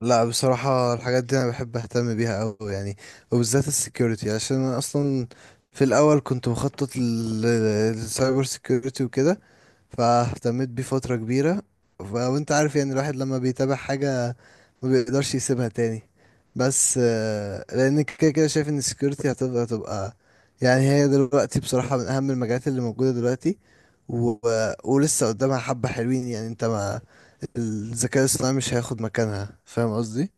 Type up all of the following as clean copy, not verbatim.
لا، بصراحة الحاجات دي أنا بحب أهتم بيها أوي يعني، وبالذات السكيورتي عشان أنا أصلا في الأول كنت مخطط للسايبر سكيورتي وكده، فاهتميت بيه فترة كبيرة. وانت عارف يعني الواحد لما بيتابع حاجة ما بيقدرش يسيبها تاني. بس لان كده كده شايف ان السكيورتي هتبقى يعني هي دلوقتي بصراحة من اهم المجالات اللي موجودة دلوقتي. و... ولسه قدامها حبة حلوين. يعني انت ما الذكاء الاصطناعي مش هياخد مكانها، فاهم قصدي؟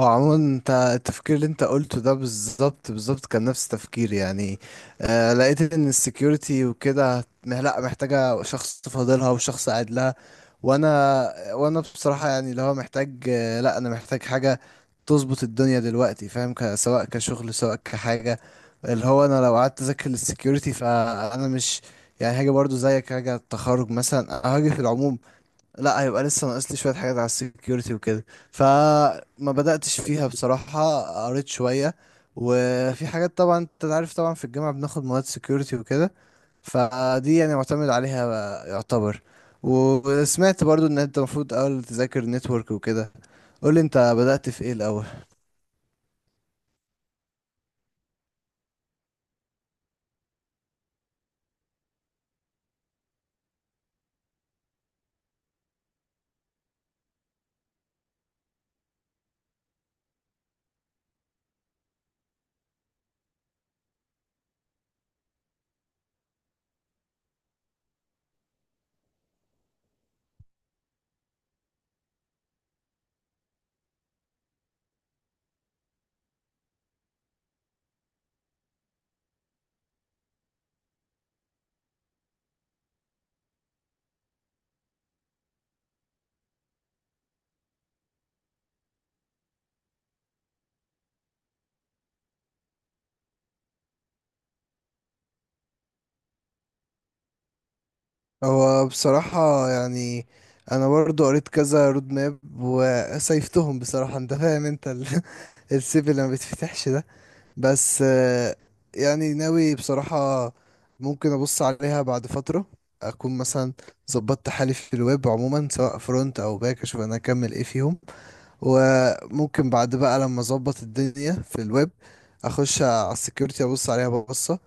هو عموما انت التفكير اللي انت قلته ده بالظبط بالظبط كان نفس تفكيري يعني. آه، لقيت ان السكيورتي وكده لا، محتاجة شخص فاضلها وشخص قاعد لها. وانا بصراحة يعني اللي هو محتاج، آه لا، انا محتاج حاجة تظبط الدنيا دلوقتي، فاهم؟ سواء كشغل سواء كحاجة، اللي هو انا لو قعدت اذاكر للسكيورتي فانا مش يعني هاجي برضو زيك، هاجي على التخرج مثلا، هاجي في العموم لا، هيبقى لسه ناقص لي شويه حاجات على السكيورتي وكده. فما بداتش فيها بصراحه. قريت شويه، وفي حاجات طبعا انت عارف، طبعا في الجامعه بناخد مواد سكيورتي وكده، فدي يعني معتمد عليها يعتبر. وسمعت برضو ان انت المفروض اول تذاكر نتورك وكده. قولي انت بدأت في ايه الاول؟ هو بصراحة يعني أنا برضو قريت كذا رود ماب وسيفتهم، بصراحة أنت فاهم أنت السيف اللي ما بيتفتحش ده. بس آه، يعني ناوي بصراحة ممكن أبص عليها بعد فترة، أكون مثلا ظبطت حالي في الويب عموما سواء فرونت أو باك، أشوف أنا أكمل إيه فيهم. وممكن بعد بقى لما أظبط الدنيا في الويب أخش على السكيورتي أبص عليها ببصة،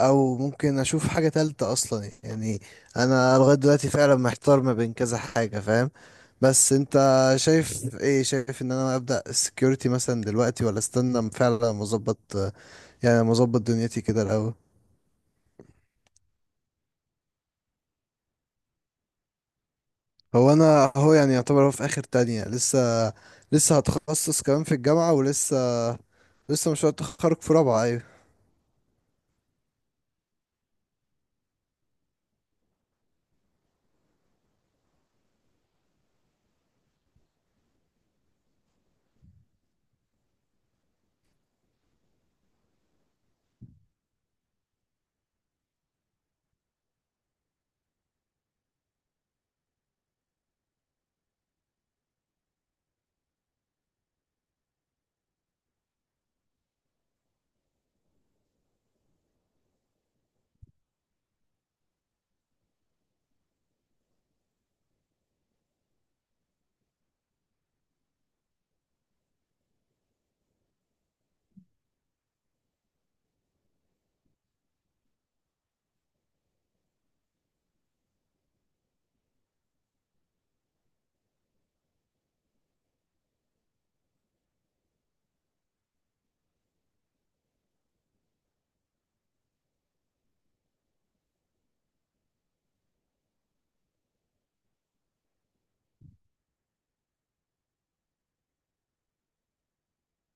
أو ممكن أشوف حاجة تالتة أصلا يعني. أنا لغاية دلوقتي فعلا محتار ما بين كذا حاجة، فاهم؟ بس أنت شايف إيه؟ شايف إن أنا أبدأ السكيورتي مثلا دلوقتي ولا استنى فعلا ما أظبط، يعني مظبط دنيتي كده الاول؟ هو انا، هو يعني يعتبر هو في اخر تانية لسه، لسه هتخصص كمان في الجامعة، ولسه لسه مشروع التخرج في رابعة، ايوه.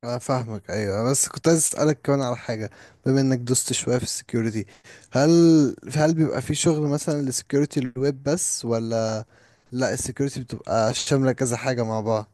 انا فاهمك، ايوه، بس كنت عايز اسالك كمان على حاجة. بما انك دوست شوية في السكيورتي، هل هل بيبقى في شغل مثلا لسكيورتي الويب بس، ولا لا السكيورتي بتبقى شاملة كذا حاجة مع بعض؟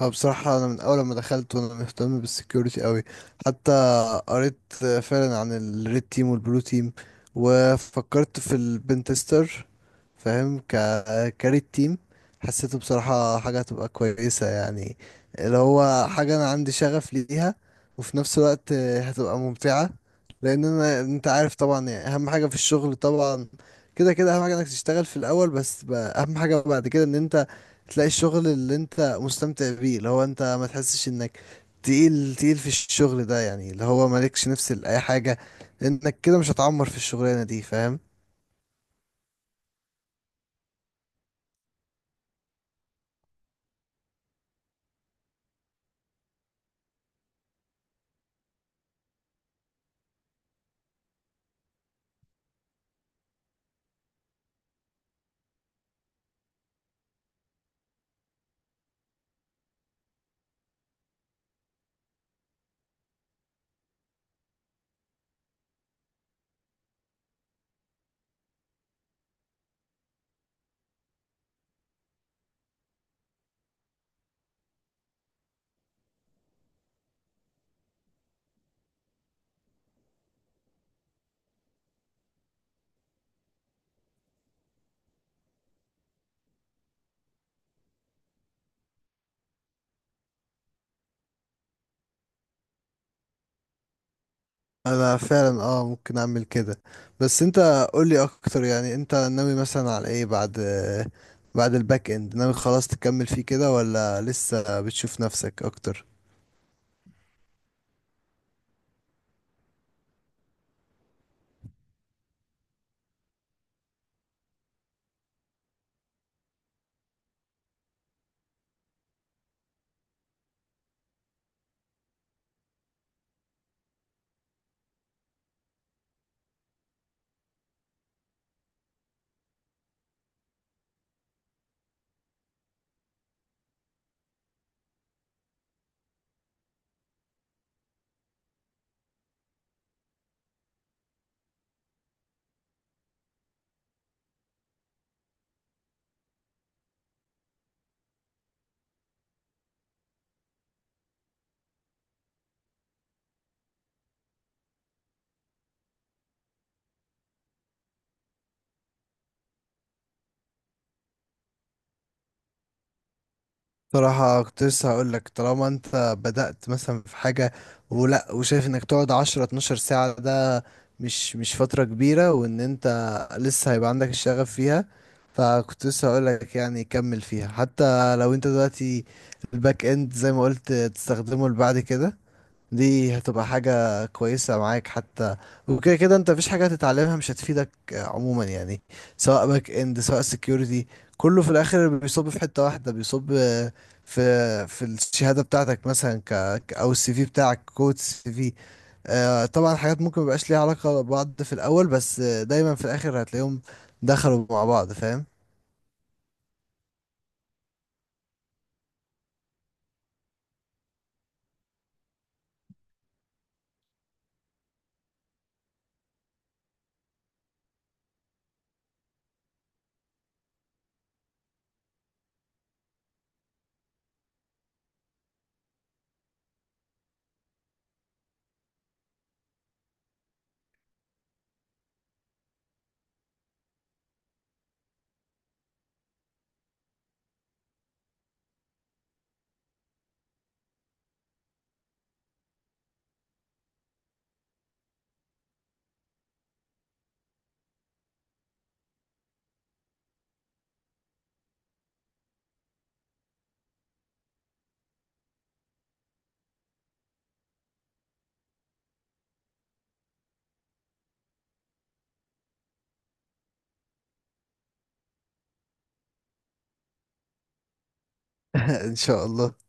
أه، بصراحة أنا من أول ما دخلت وأنا مهتم بالسكيورتي أوي. حتى قريت فعلا عن الريد تيم والبلو تيم، وفكرت في البنتستر، فاهم كاري التيم. حسيته بصراحة حاجة هتبقى كويسة يعني، اللي هو حاجة أنا عندي شغف ليها، وفي نفس الوقت هتبقى ممتعة. لأن أنا أنت عارف طبعا يعني أهم حاجة في الشغل طبعا، كده كده أهم حاجة إنك تشتغل في الأول، بس أهم حاجة بعد كده إن أنت تلاقي الشغل اللي أنت مستمتع بيه، اللي هو أنت ما تحسش إنك تقيل تقيل في الشغل ده، يعني اللي هو مالكش نفس لأي حاجة، لأنك كده مش هتعمر في الشغلانة دي، فاهم؟ انا فعلا اه ممكن اعمل كده. بس انت قولي اكتر، يعني انت ناوي مثلا على ايه بعد بعد الباك اند؟ ناوي خلاص تكمل فيه كده، ولا لسه بتشوف نفسك اكتر؟ صراحة كنت لسه هقول لك طالما انت بدأت مثلا في حاجة ولا وشايف انك تقعد 10 12 ساعة، ده مش فترة كبيرة، وان انت لسه هيبقى عندك الشغف فيها. فكنت لسه هقول لك يعني كمل فيها، حتى لو انت دلوقتي الباك اند زي ما قلت تستخدمه لبعد كده، دي هتبقى حاجة كويسة معاك حتى. وكده كده انت مفيش حاجة هتتعلمها مش هتفيدك آه، عموما يعني، سواء باك اند سواء سكيورتي، كله في الاخر بيصب في حتة واحدة، بيصب في في الشهادة بتاعتك مثلا، او السي في بتاعك، كود السي في. آه، طبعا حاجات ممكن مبقاش ليها علاقة ببعض في الاول، بس آه، دايما في الاخر هتلاقيهم دخلوا مع بعض، فاهم؟ ان شاء الله.